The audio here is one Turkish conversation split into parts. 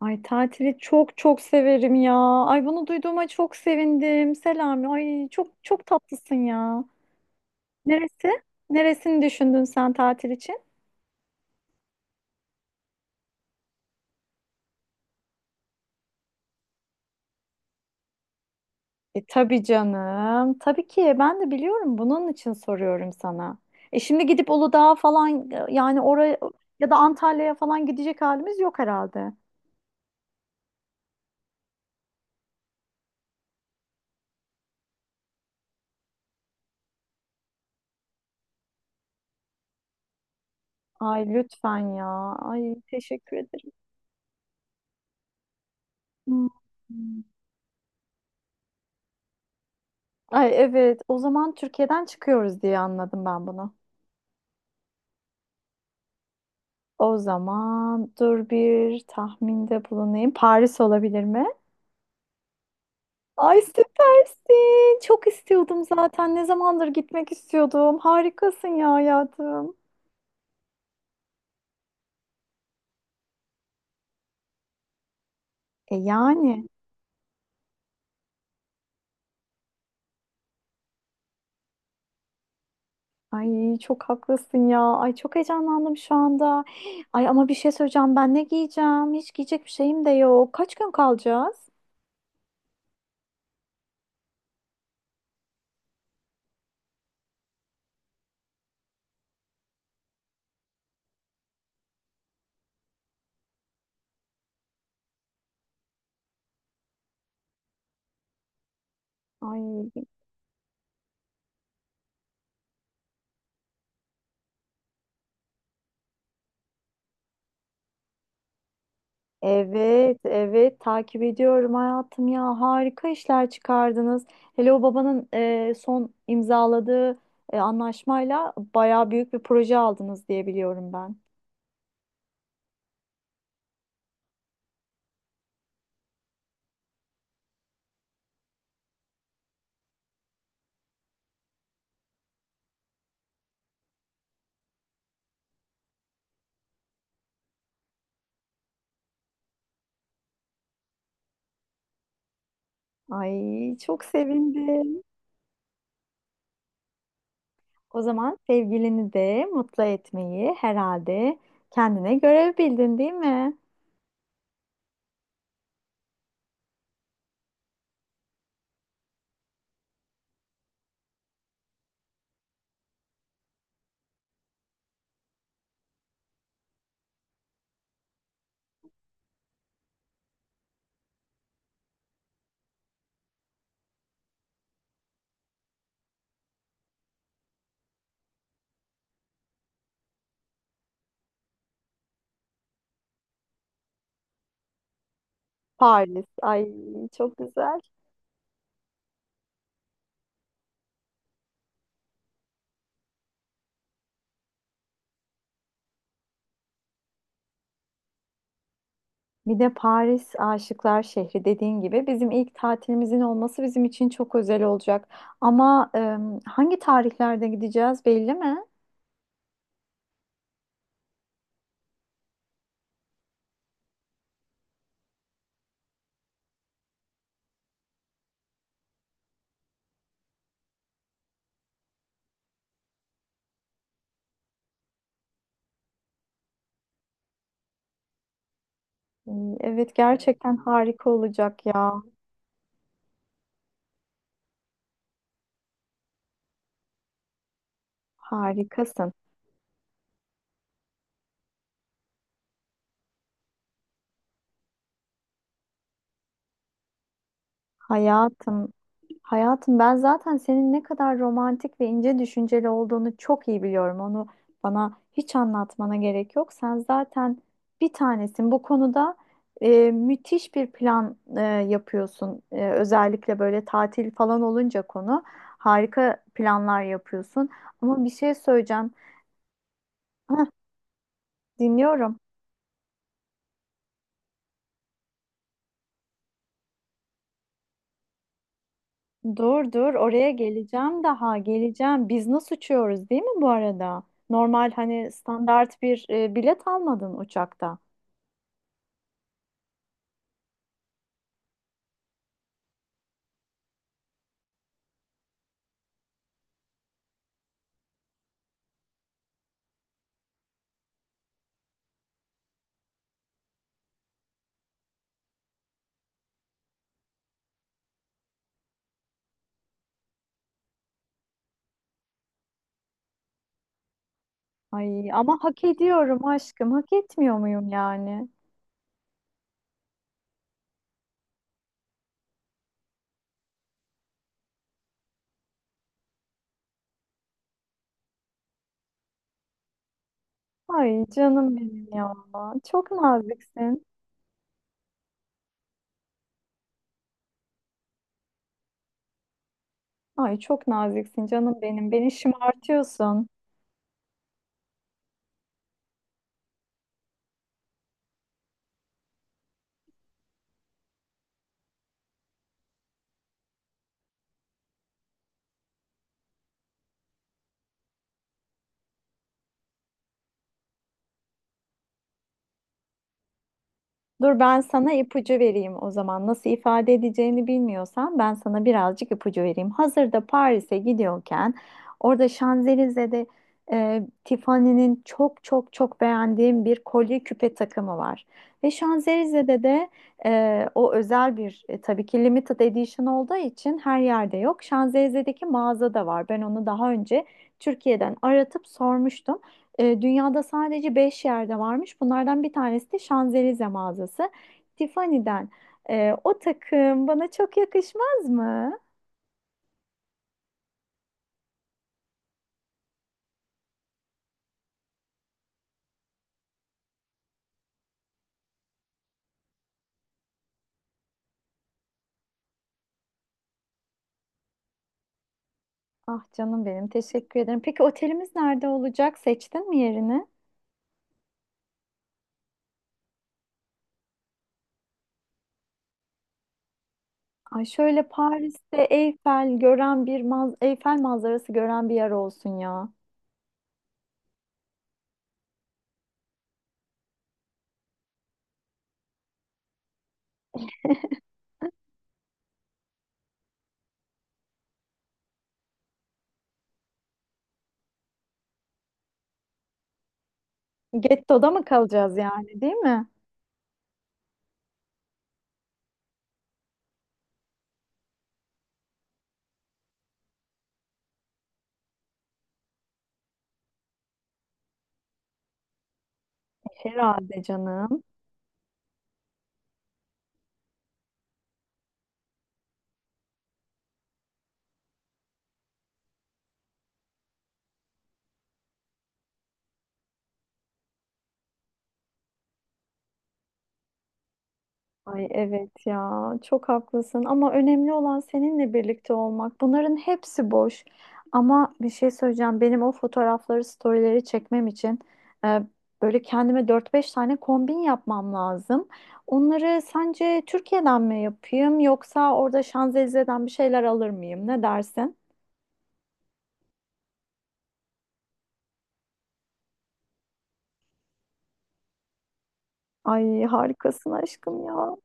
Ay tatili çok severim ya. Ay bunu duyduğuma çok sevindim. Selami. Ay çok tatlısın ya. Neresi? Neresini düşündün sen tatil için? E tabii canım. Tabii ki ben de biliyorum. Bunun için soruyorum sana. E şimdi gidip Uludağ'a falan yani oraya ya da Antalya'ya falan gidecek halimiz yok herhalde. Ay lütfen ya. Ay teşekkür ederim. Hmm. Ay evet. O zaman Türkiye'den çıkıyoruz diye anladım ben bunu. O zaman dur bir tahminde bulunayım. Paris olabilir mi? Ay süpersin. Çok istiyordum zaten. Ne zamandır gitmek istiyordum. Harikasın ya hayatım. E yani. Ay çok haklısın ya. Ay çok heyecanlandım şu anda. Ay ama bir şey söyleyeceğim. Ben ne giyeceğim? Hiç giyecek bir şeyim de yok. Kaç gün kalacağız? Ay. Evet, evet takip ediyorum hayatım ya. Harika işler çıkardınız. Hele o babanın son imzaladığı anlaşmayla bayağı büyük bir proje aldınız diye biliyorum ben. Ay çok sevindim. O zaman sevgilini de mutlu etmeyi herhalde kendine görev bildin değil mi? Paris. Ay çok güzel. Bir de Paris Aşıklar Şehri dediğin gibi bizim ilk tatilimizin olması bizim için çok özel olacak. Ama hangi tarihlerde gideceğiz belli mi? E, Evet gerçekten harika olacak ya. Harikasın hayatım. Hayatım ben zaten senin ne kadar romantik ve ince düşünceli olduğunu çok iyi biliyorum. Onu bana hiç anlatmana gerek yok. Sen zaten bir tanesin. Bu konuda müthiş bir plan yapıyorsun. Özellikle böyle tatil falan olunca konu harika planlar yapıyorsun. Ama bir şey söyleyeceğim. Dinliyorum. Dur oraya geleceğim daha geleceğim. Biz nasıl uçuyoruz değil mi bu arada? Normal hani standart bir bilet almadın uçakta. Ay ama hak ediyorum aşkım. Hak etmiyor muyum yani? Ay canım benim ya. Çok naziksin. Ay çok naziksin canım benim. Beni şımartıyorsun. Dur ben sana ipucu vereyim o zaman. Nasıl ifade edeceğini bilmiyorsan ben sana birazcık ipucu vereyim. Hazırda Paris'e gidiyorken orada Şanzelize'de Tiffany'nin çok beğendiğim bir kolye küpe takımı var. Ve Şanzelize'de de o özel bir tabii ki limited edition olduğu için her yerde yok. Şanzelize'deki mağazada var. Ben onu daha önce Türkiye'den aratıp sormuştum. Dünyada sadece 5 yerde varmış. Bunlardan bir tanesi de Şanzelize mağazası. Tiffany'den. O takım bana çok yakışmaz mı? Ah canım benim teşekkür ederim. Peki otelimiz nerede olacak? Seçtin mi yerini? Ay şöyle Paris'te Eyfel manzarası gören bir yer olsun ya. Getto'da mı kalacağız yani değil mi? Herhalde canım. Ay evet ya çok haklısın ama önemli olan seninle birlikte olmak. Bunların hepsi boş. Ama bir şey söyleyeceğim. Benim o fotoğrafları, storyleri çekmem için e, böyle kendime dört beş tane kombin yapmam lazım. Onları sence Türkiye'den mi yapayım yoksa orada Şanzelize'den bir şeyler alır mıyım? Ne dersin? Ay harikasın aşkım ya.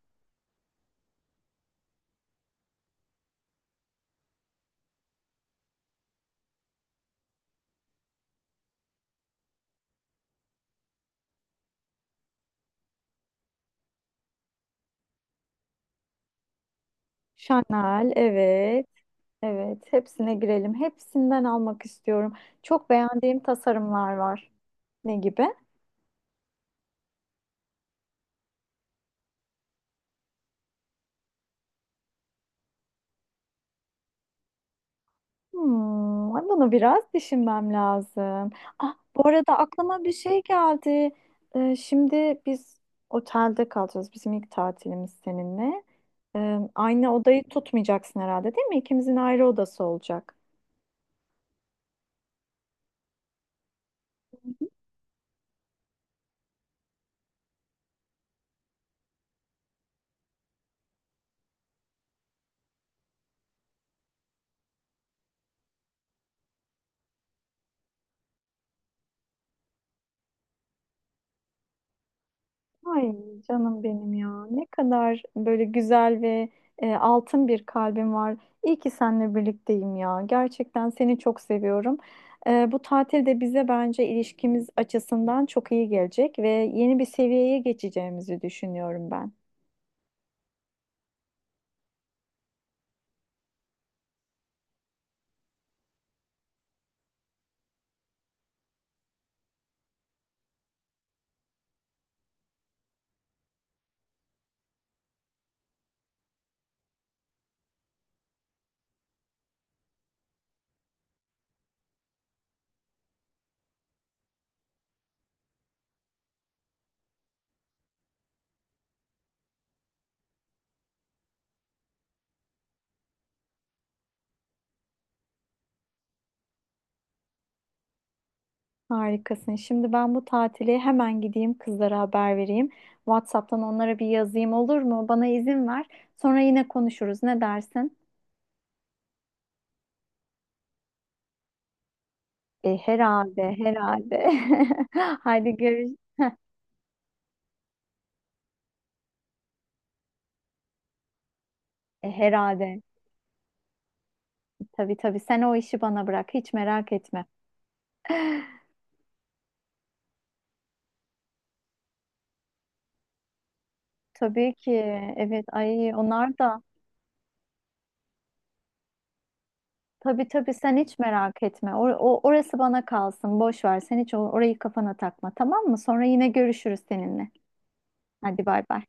Chanel evet. Evet, hepsine girelim. Hepsinden almak istiyorum. Çok beğendiğim tasarımlar var. Ne gibi? Hmm, bunu biraz düşünmem lazım. Ah, bu arada aklıma bir şey geldi. Şimdi biz otelde kalacağız. Bizim ilk tatilimiz seninle. Aynı odayı tutmayacaksın herhalde, değil mi? İkimizin ayrı odası olacak. Hı. Ay canım benim ya. Ne kadar böyle güzel ve altın bir kalbim var. İyi ki seninle birlikteyim ya. Gerçekten seni çok seviyorum. Bu tatil de bize bence ilişkimiz açısından çok iyi gelecek ve yeni bir seviyeye geçeceğimizi düşünüyorum ben. Harikasın. Şimdi ben bu tatili hemen gideyim kızlara haber vereyim. WhatsApp'tan onlara bir yazayım olur mu? Bana izin ver. Sonra yine konuşuruz. Ne dersin? Herhalde, herhalde. Haydi görüş. Herhalde. Tabii tabii. Sen o işi bana bırak. Hiç merak etme. Tabii ki. Evet. Ay onlar da. Tabii tabii. Sen hiç merak etme. Orası bana kalsın. Boş ver. Sen hiç orayı kafana takma. Tamam mı? Sonra yine görüşürüz seninle. Hadi bay bay.